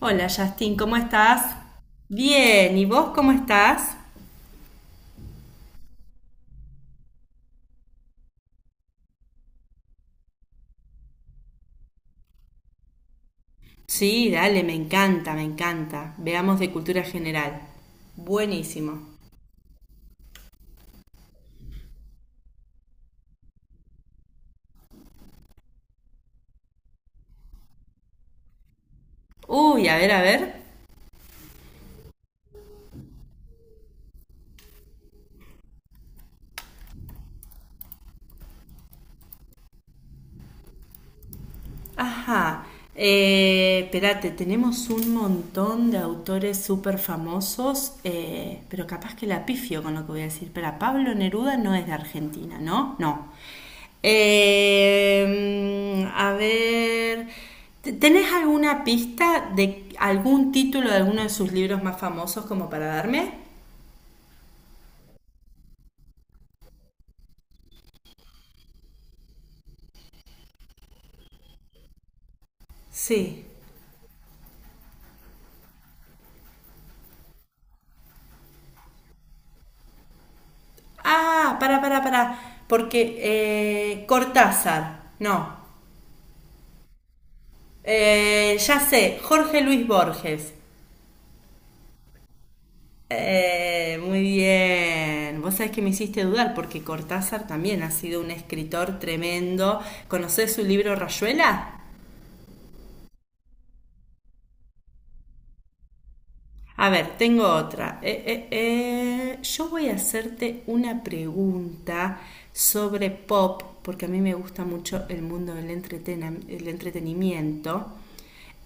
Hola Justin, ¿cómo estás? Bien, ¿y vos cómo estás? Sí, dale, me encanta, me encanta. Veamos de cultura general. Buenísimo. Uy, a ver, a ver. Ajá. Espérate, tenemos un montón de autores súper famosos, pero capaz que la pifio con lo que voy a decir. Pero Pablo Neruda no es de Argentina, ¿no? No. A ver, ¿tenés alguna pista de algún título de alguno de sus libros más famosos como para darme? Sí. Ah, para, para. Porque Cortázar, no. Ya sé, Jorge Luis Borges. Muy bien. Vos sabés que me hiciste dudar porque Cortázar también ha sido un escritor tremendo. ¿Conocés su libro Rayuela? A ver, tengo otra. Yo voy a hacerte una pregunta sobre pop, porque a mí me gusta mucho el mundo del entretena- el entretenimiento.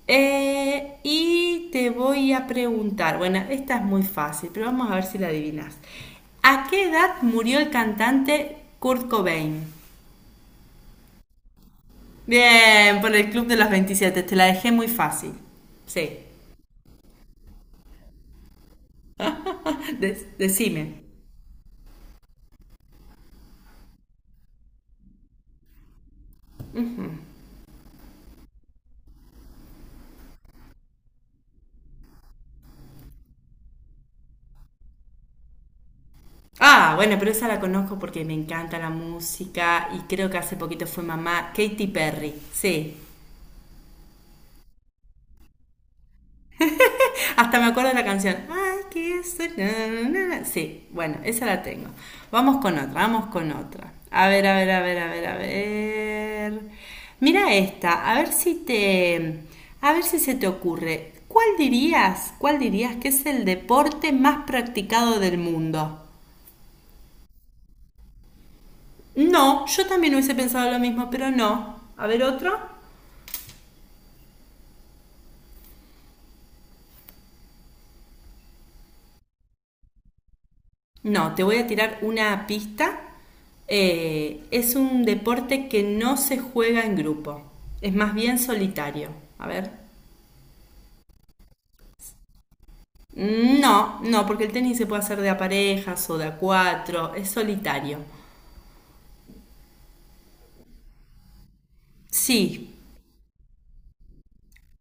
Y te voy a preguntar, bueno, esta es muy fácil, pero vamos a ver si la adivinas. ¿A qué edad murió el cantante Kurt Cobain? Bien, por el Club de los 27. Te la dejé muy fácil. Sí, decime. Ah, bueno, pero esa la conozco porque me encanta la música y creo que hace poquito fue mamá Katy Perry, sí. Hasta me acuerdo de la canción. Ay, que eso, na, na, na. Sí, bueno, esa la tengo. Vamos con otra, vamos con otra. A ver, a ver, a ver, a ver, a ver. Mira esta, a ver si se te ocurre. ¿Cuál dirías que es el deporte más practicado del mundo? No, yo también hubiese pensado lo mismo, pero no. A ver otro. No, te voy a tirar una pista. Es un deporte que no se juega en grupo. Es más bien solitario. A ver. No, no, porque el tenis se puede hacer de a parejas o de a cuatro. Es solitario. Sí,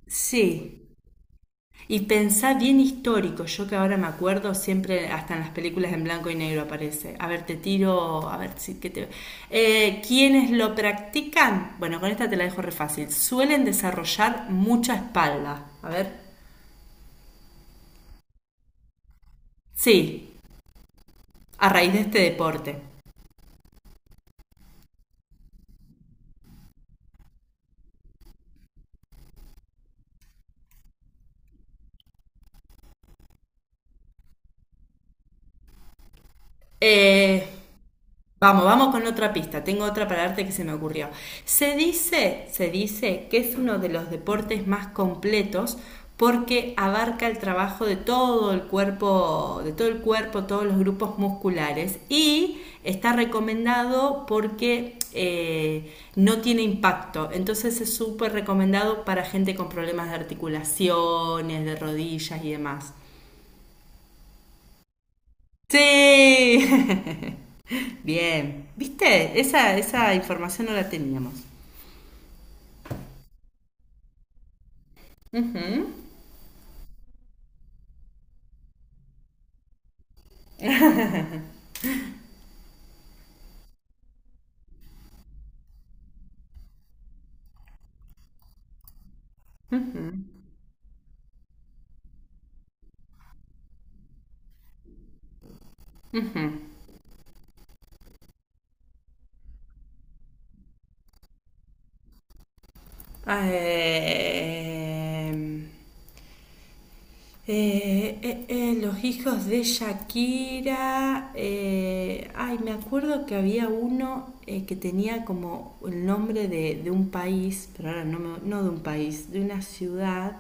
sí. Y pensá bien histórico, yo que ahora me acuerdo siempre, hasta en las películas en blanco y negro aparece. A ver, te tiro, a ver si que te. Quienes lo practican, bueno, con esta te la dejo re fácil, suelen desarrollar mucha espalda. A ver. Sí, a raíz de este deporte. Eh, Vamos, vamos con otra pista. Tengo otra para darte que se me ocurrió. Se dice que es uno de los deportes más completos porque abarca el trabajo de todo el cuerpo, de todo el cuerpo, todos los grupos musculares y está recomendado porque no tiene impacto. Entonces es súper recomendado para gente con problemas de articulaciones, de rodillas y demás. Sí. Bien, ¿viste? Esa información no la teníamos. Eh, los hijos de Shakira. Ay, me acuerdo que había uno que tenía como el nombre de un país, pero ahora no, no de un país, de una ciudad,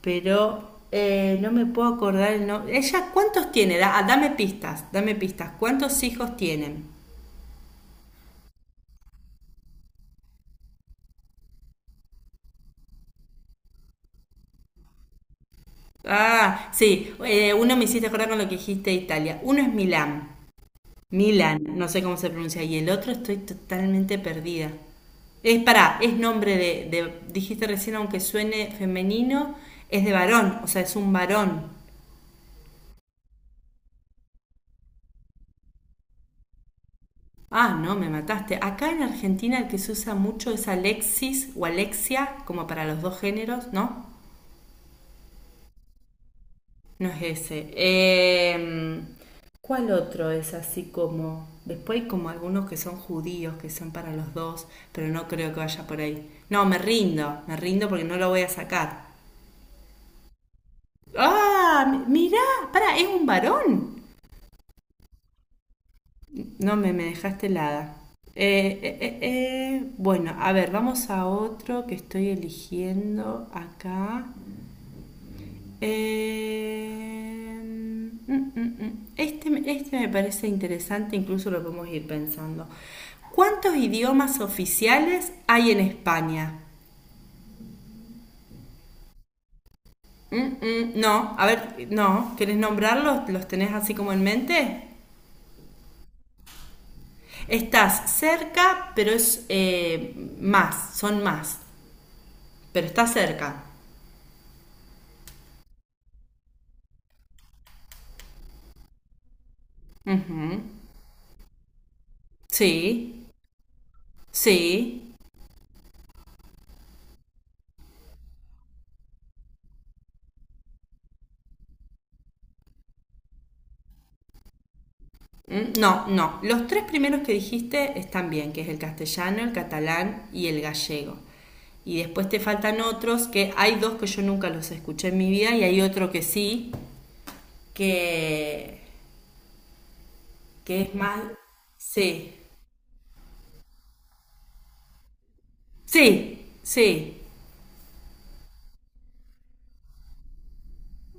pero no me puedo acordar el nombre. ¿Ella cuántos tiene? Ah, dame pistas, dame pistas. ¿Cuántos hijos tienen? Ah, sí, uno me hiciste acordar con lo que dijiste de Italia. Uno es Milán, Milán, no sé cómo se pronuncia, y el otro estoy totalmente perdida. Es para, es nombre de, dijiste recién, aunque suene femenino, es de varón, o sea, es un varón. Ah, no, me mataste. Acá en Argentina el que se usa mucho es Alexis o Alexia, como para los dos géneros, ¿no? No es ese. ¿Cuál otro es así como, después hay como algunos que son judíos, que son para los dos, pero no creo que vaya por ahí. No, me rindo porque no lo voy a sacar. ¡Ah! Mirá, para, es un varón. No, me dejaste helada. Bueno, a ver, vamos a otro que estoy eligiendo acá. Mm. Este me parece interesante, incluso lo podemos ir pensando. ¿Cuántos idiomas oficiales hay en España? No, a ver, no, ¿querés nombrarlos? ¿Los tenés así como en mente? Estás cerca, pero es más, son más, pero está cerca. Ujú. Sí, sí. ¿Mm? No, no. Los tres primeros que dijiste están bien, que es el castellano, el catalán y el gallego. Y después te faltan otros, que hay dos que yo nunca los escuché en mi vida y hay otro que sí, que, que es más. Sí, sí, sí.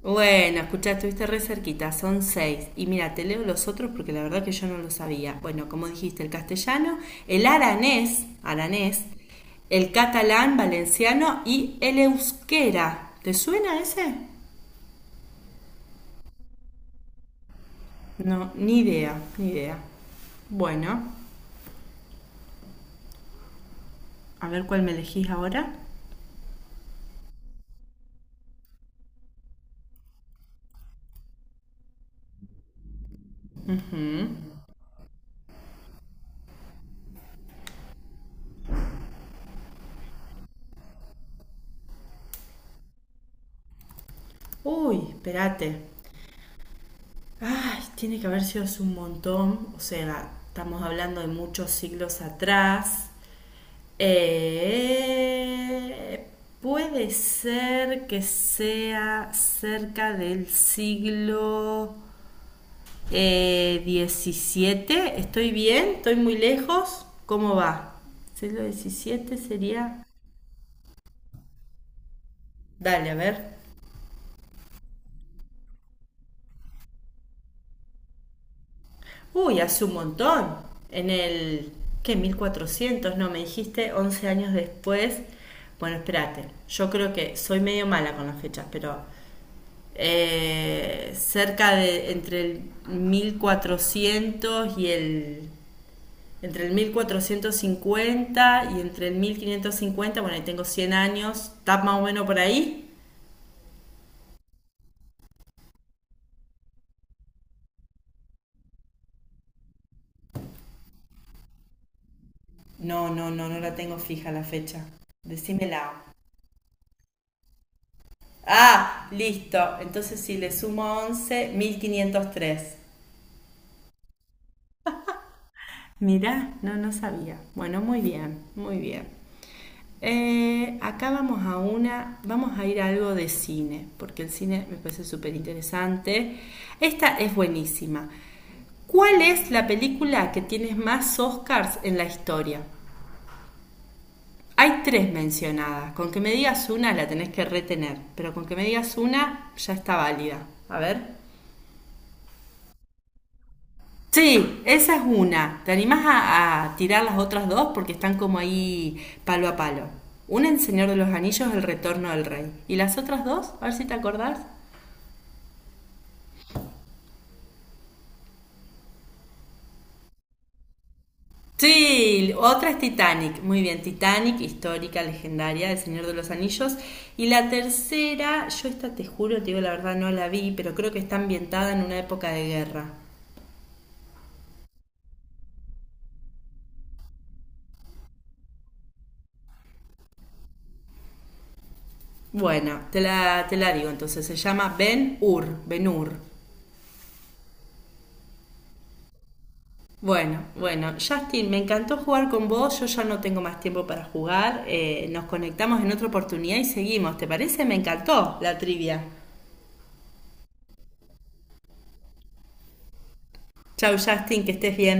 Bueno, escucha, estuviste re cerquita, son seis. Y mira, te leo los otros porque la verdad que yo no lo sabía. Bueno, como dijiste, el castellano, el aranés, aranés, el catalán, valenciano y el euskera. ¿Te suena ese? No, ni idea, ni idea. Bueno, a ver cuál me elegís ahora. Uy, espérate. Ay, tiene que haber sido hace un montón. O sea, estamos hablando de muchos siglos atrás. Eh, puede ser que sea cerca del siglo XVII. ¿Estoy bien? ¿Estoy muy lejos? ¿Cómo va? ¿Siglo XVII sería? Dale, a ver. Uy, hace un montón. En el, ¿qué? 1400, no, me dijiste 11 años después. Bueno, espérate. Yo creo que soy medio mala con las fechas, pero cerca de entre el 1400 y el entre el 1450 y entre el 1550. Bueno, ahí tengo 100 años, está más o menos por ahí. No, no, no, no la tengo fija la fecha. Decímela. Ah, listo. Entonces si le sumo 11, 1503. Mirá, no, no sabía. Bueno, muy bien, muy bien. Acá vamos a una, vamos a ir a algo de cine, porque el cine me parece súper interesante. Esta es buenísima. ¿Cuál es la película que tiene más Oscars en la historia? Hay tres mencionadas. Con que me digas una la tenés que retener, pero con que me digas una ya está válida. A ver. Sí, esa es una. ¿Te animás a tirar las otras dos? Porque están como ahí palo a palo. Una en Señor de los Anillos, El Retorno del Rey. ¿Y las otras dos? A ver si te acordás. Sí, otra es Titanic. Muy bien, Titanic, histórica, legendaria, El Señor de los Anillos. Y la tercera, yo esta te juro, te digo la verdad, no la vi, pero creo que está ambientada en una época de guerra. Bueno, te la digo entonces. Se llama Ben Hur. Ben Hur. Bueno, bueno, Justin, me encantó jugar con vos, yo ya no tengo más tiempo para jugar, nos conectamos en otra oportunidad y seguimos, ¿te parece? Me encantó la trivia. Chau Justin, que estés bien.